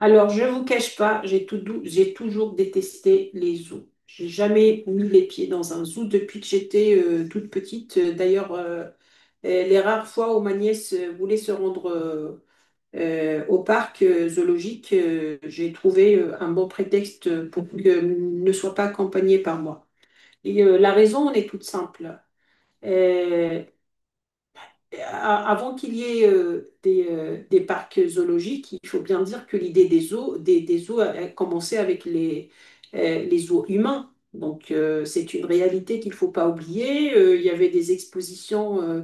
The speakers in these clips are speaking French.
Alors, je ne vous cache pas, j'ai toujours détesté les zoos. J'ai jamais mis les pieds dans un zoo depuis que j'étais toute petite. D'ailleurs, les rares fois où ma nièce voulait se rendre au parc zoologique, j'ai trouvé un bon prétexte pour qu'elle ne soit pas accompagnée par moi. Et la raison, elle est toute simple. Euh, Avant qu'il y ait des parcs zoologiques, il faut bien dire que l'idée des zoos, des zoos a commencé avec les zoos humains. Donc c'est une réalité qu'il ne faut pas oublier. Il y avait des expositions euh,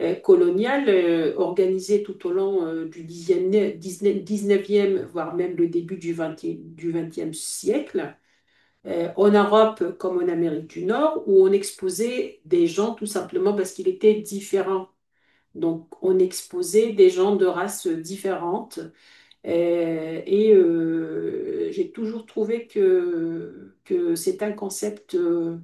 euh, coloniales organisées tout au long du dixième, dix 19e, 19 voire même le début du 20 siècle en Europe comme en Amérique du Nord, où on exposait des gens tout simplement parce qu'ils étaient différents. Donc, on exposait des gens de races différentes. Et j'ai toujours trouvé que c'est un concept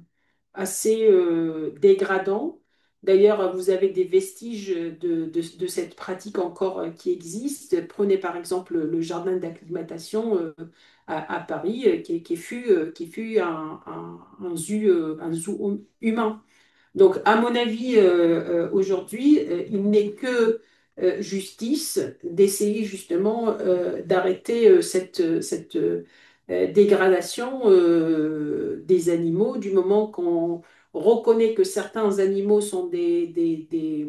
assez dégradant. D'ailleurs, vous avez des vestiges de cette pratique encore qui existe. Prenez par exemple le jardin d'acclimatation à Paris, qui fut un zoo, un zoo humain. Donc, à mon avis, aujourd'hui, il n'est que justice d'essayer justement d'arrêter cette dégradation des animaux du moment qu'on reconnaît que certains animaux sont des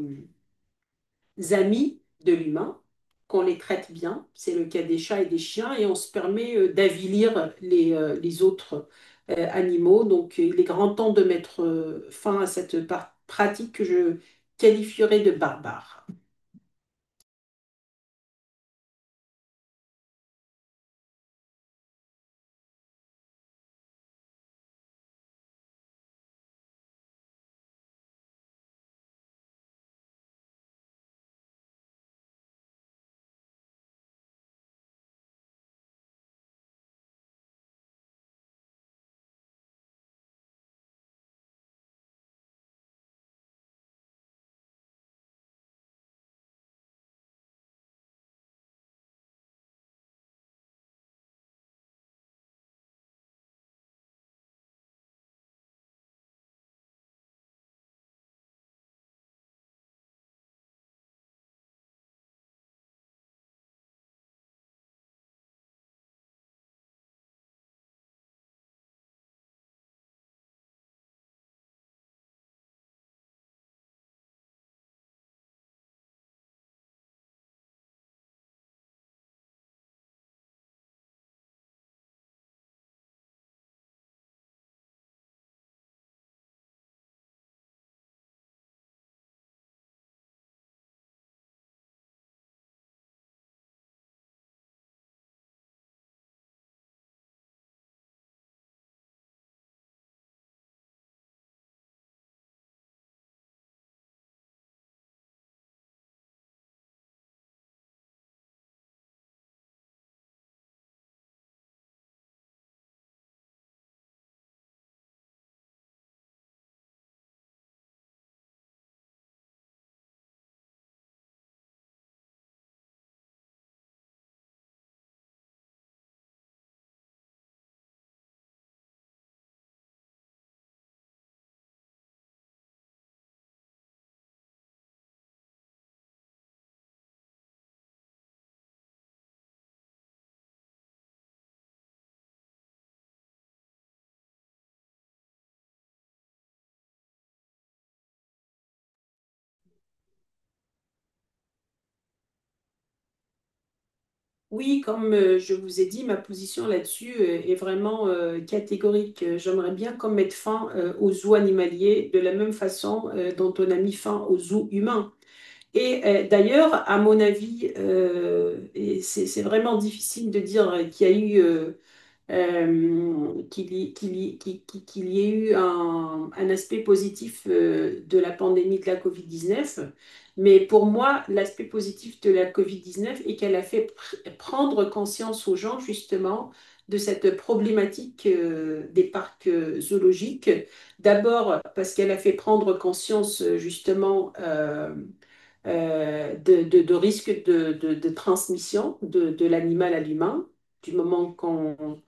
amis de l'humain, qu'on les traite bien. C'est le cas des chats et des chiens et on se permet d'avilir les autres animaux. Donc il est grand temps de mettre fin à cette pratique que je qualifierais de barbare. Oui, comme je vous ai dit, ma position là-dessus est vraiment catégorique. J'aimerais bien qu'on mette fin aux zoos animaliers de la même façon dont on a mis fin aux zoos humains. Et d'ailleurs, à mon avis, et c'est vraiment difficile de dire qu'il y a eu qu'il y ait eu un aspect positif de la pandémie de la COVID-19. Mais pour moi, l'aspect positif de la COVID-19 est qu'elle a fait prendre conscience aux gens justement de cette problématique des parcs zoologiques. D'abord parce qu'elle a fait prendre conscience de risques de transmission de l'animal à l'humain, du moment qu'on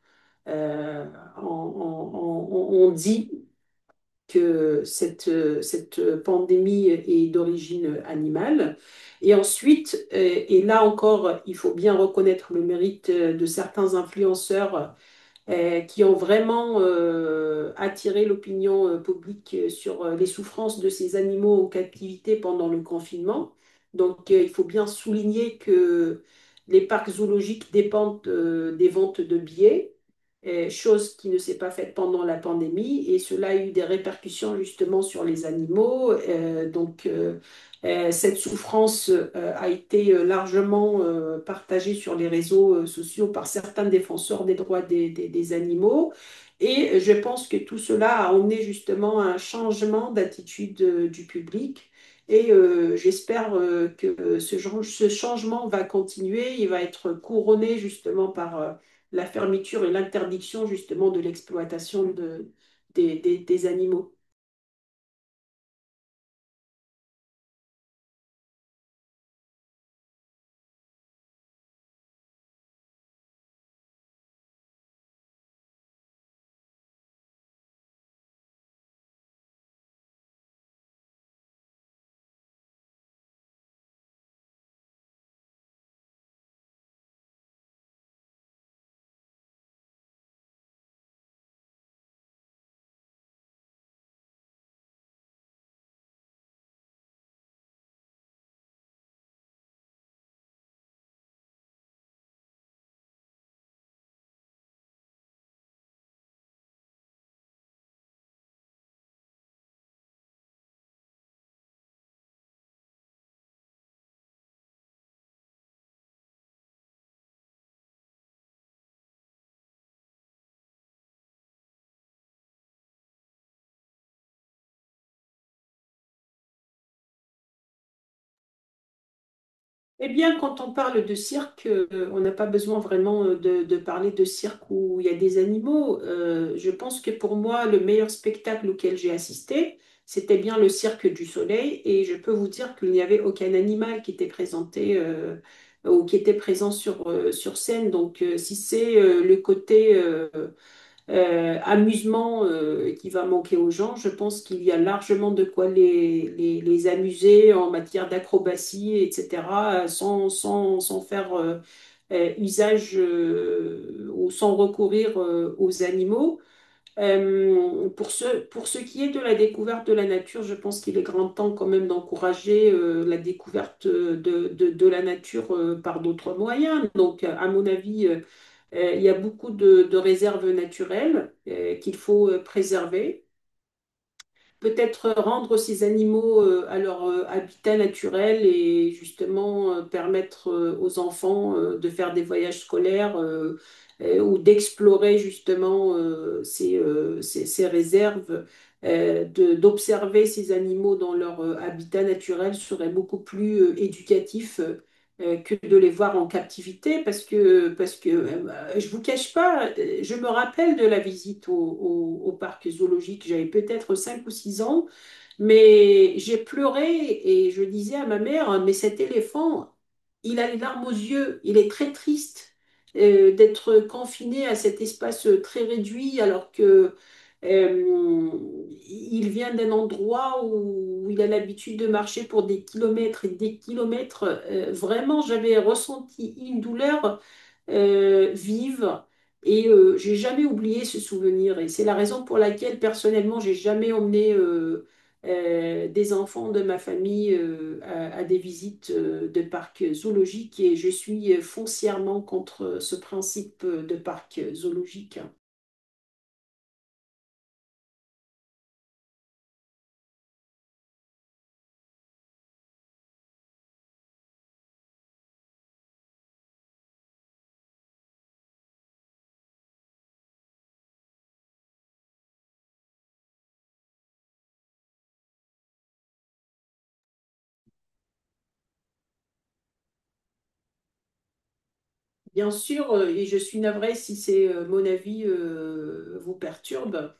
euh, dit que cette pandémie est d'origine animale. Et ensuite, et là encore, il faut bien reconnaître le mérite de certains influenceurs qui ont vraiment attiré l'opinion publique sur les souffrances de ces animaux en captivité pendant le confinement. Donc, il faut bien souligner que les parcs zoologiques dépendent des ventes de billets, chose qui ne s'est pas faite pendant la pandémie, et cela a eu des répercussions justement sur les animaux. Donc, cette souffrance a été largement partagée sur les réseaux sociaux par certains défenseurs des droits des animaux. Et je pense que tout cela a emmené justement à un changement d'attitude du public. Et j'espère que ce changement va continuer. Il va être couronné justement par, la fermeture et l'interdiction justement de l'exploitation des animaux. Eh bien, quand on parle de cirque, on n'a pas besoin vraiment de parler de cirque où il y a des animaux. Je pense que pour moi, le meilleur spectacle auquel j'ai assisté, c'était bien le Cirque du Soleil et je peux vous dire qu'il n'y avait aucun animal qui était présenté ou qui était présent sur scène. Donc, si c'est le côté amusement qui va manquer aux gens. Je pense qu'il y a largement de quoi les amuser en matière d'acrobatie, etc., sans faire usage ou sans recourir aux animaux. Pour ce qui est de la découverte de la nature, je pense qu'il est grand temps quand même d'encourager la découverte de la nature par d'autres moyens. Donc, à mon avis, il y a beaucoup de réserves naturelles qu'il faut préserver. Peut-être rendre ces animaux à leur habitat naturel et justement permettre aux enfants de faire des voyages scolaires ou d'explorer justement ces réserves. D'observer ces animaux dans leur habitat naturel serait beaucoup plus éducatif que de les voir en captivité parce que je vous cache pas, je me rappelle de la visite au parc zoologique. J'avais peut-être 5 ou 6 ans, mais j'ai pleuré et je disais à ma mère, mais cet éléphant, il a les larmes aux yeux, il est très triste d'être confiné à cet espace très réduit alors que euh, il vient d'un endroit où il a l'habitude de marcher pour des kilomètres et des kilomètres. Vraiment, j'avais ressenti une douleur vive. Et j'ai jamais oublié ce souvenir. Et c'est la raison pour laquelle, personnellement, j'ai jamais emmené des enfants de ma famille à des visites de parcs zoologiques. Et je suis foncièrement contre ce principe de parc zoologique. Bien sûr, et je suis navrée si c'est mon avis vous perturbe.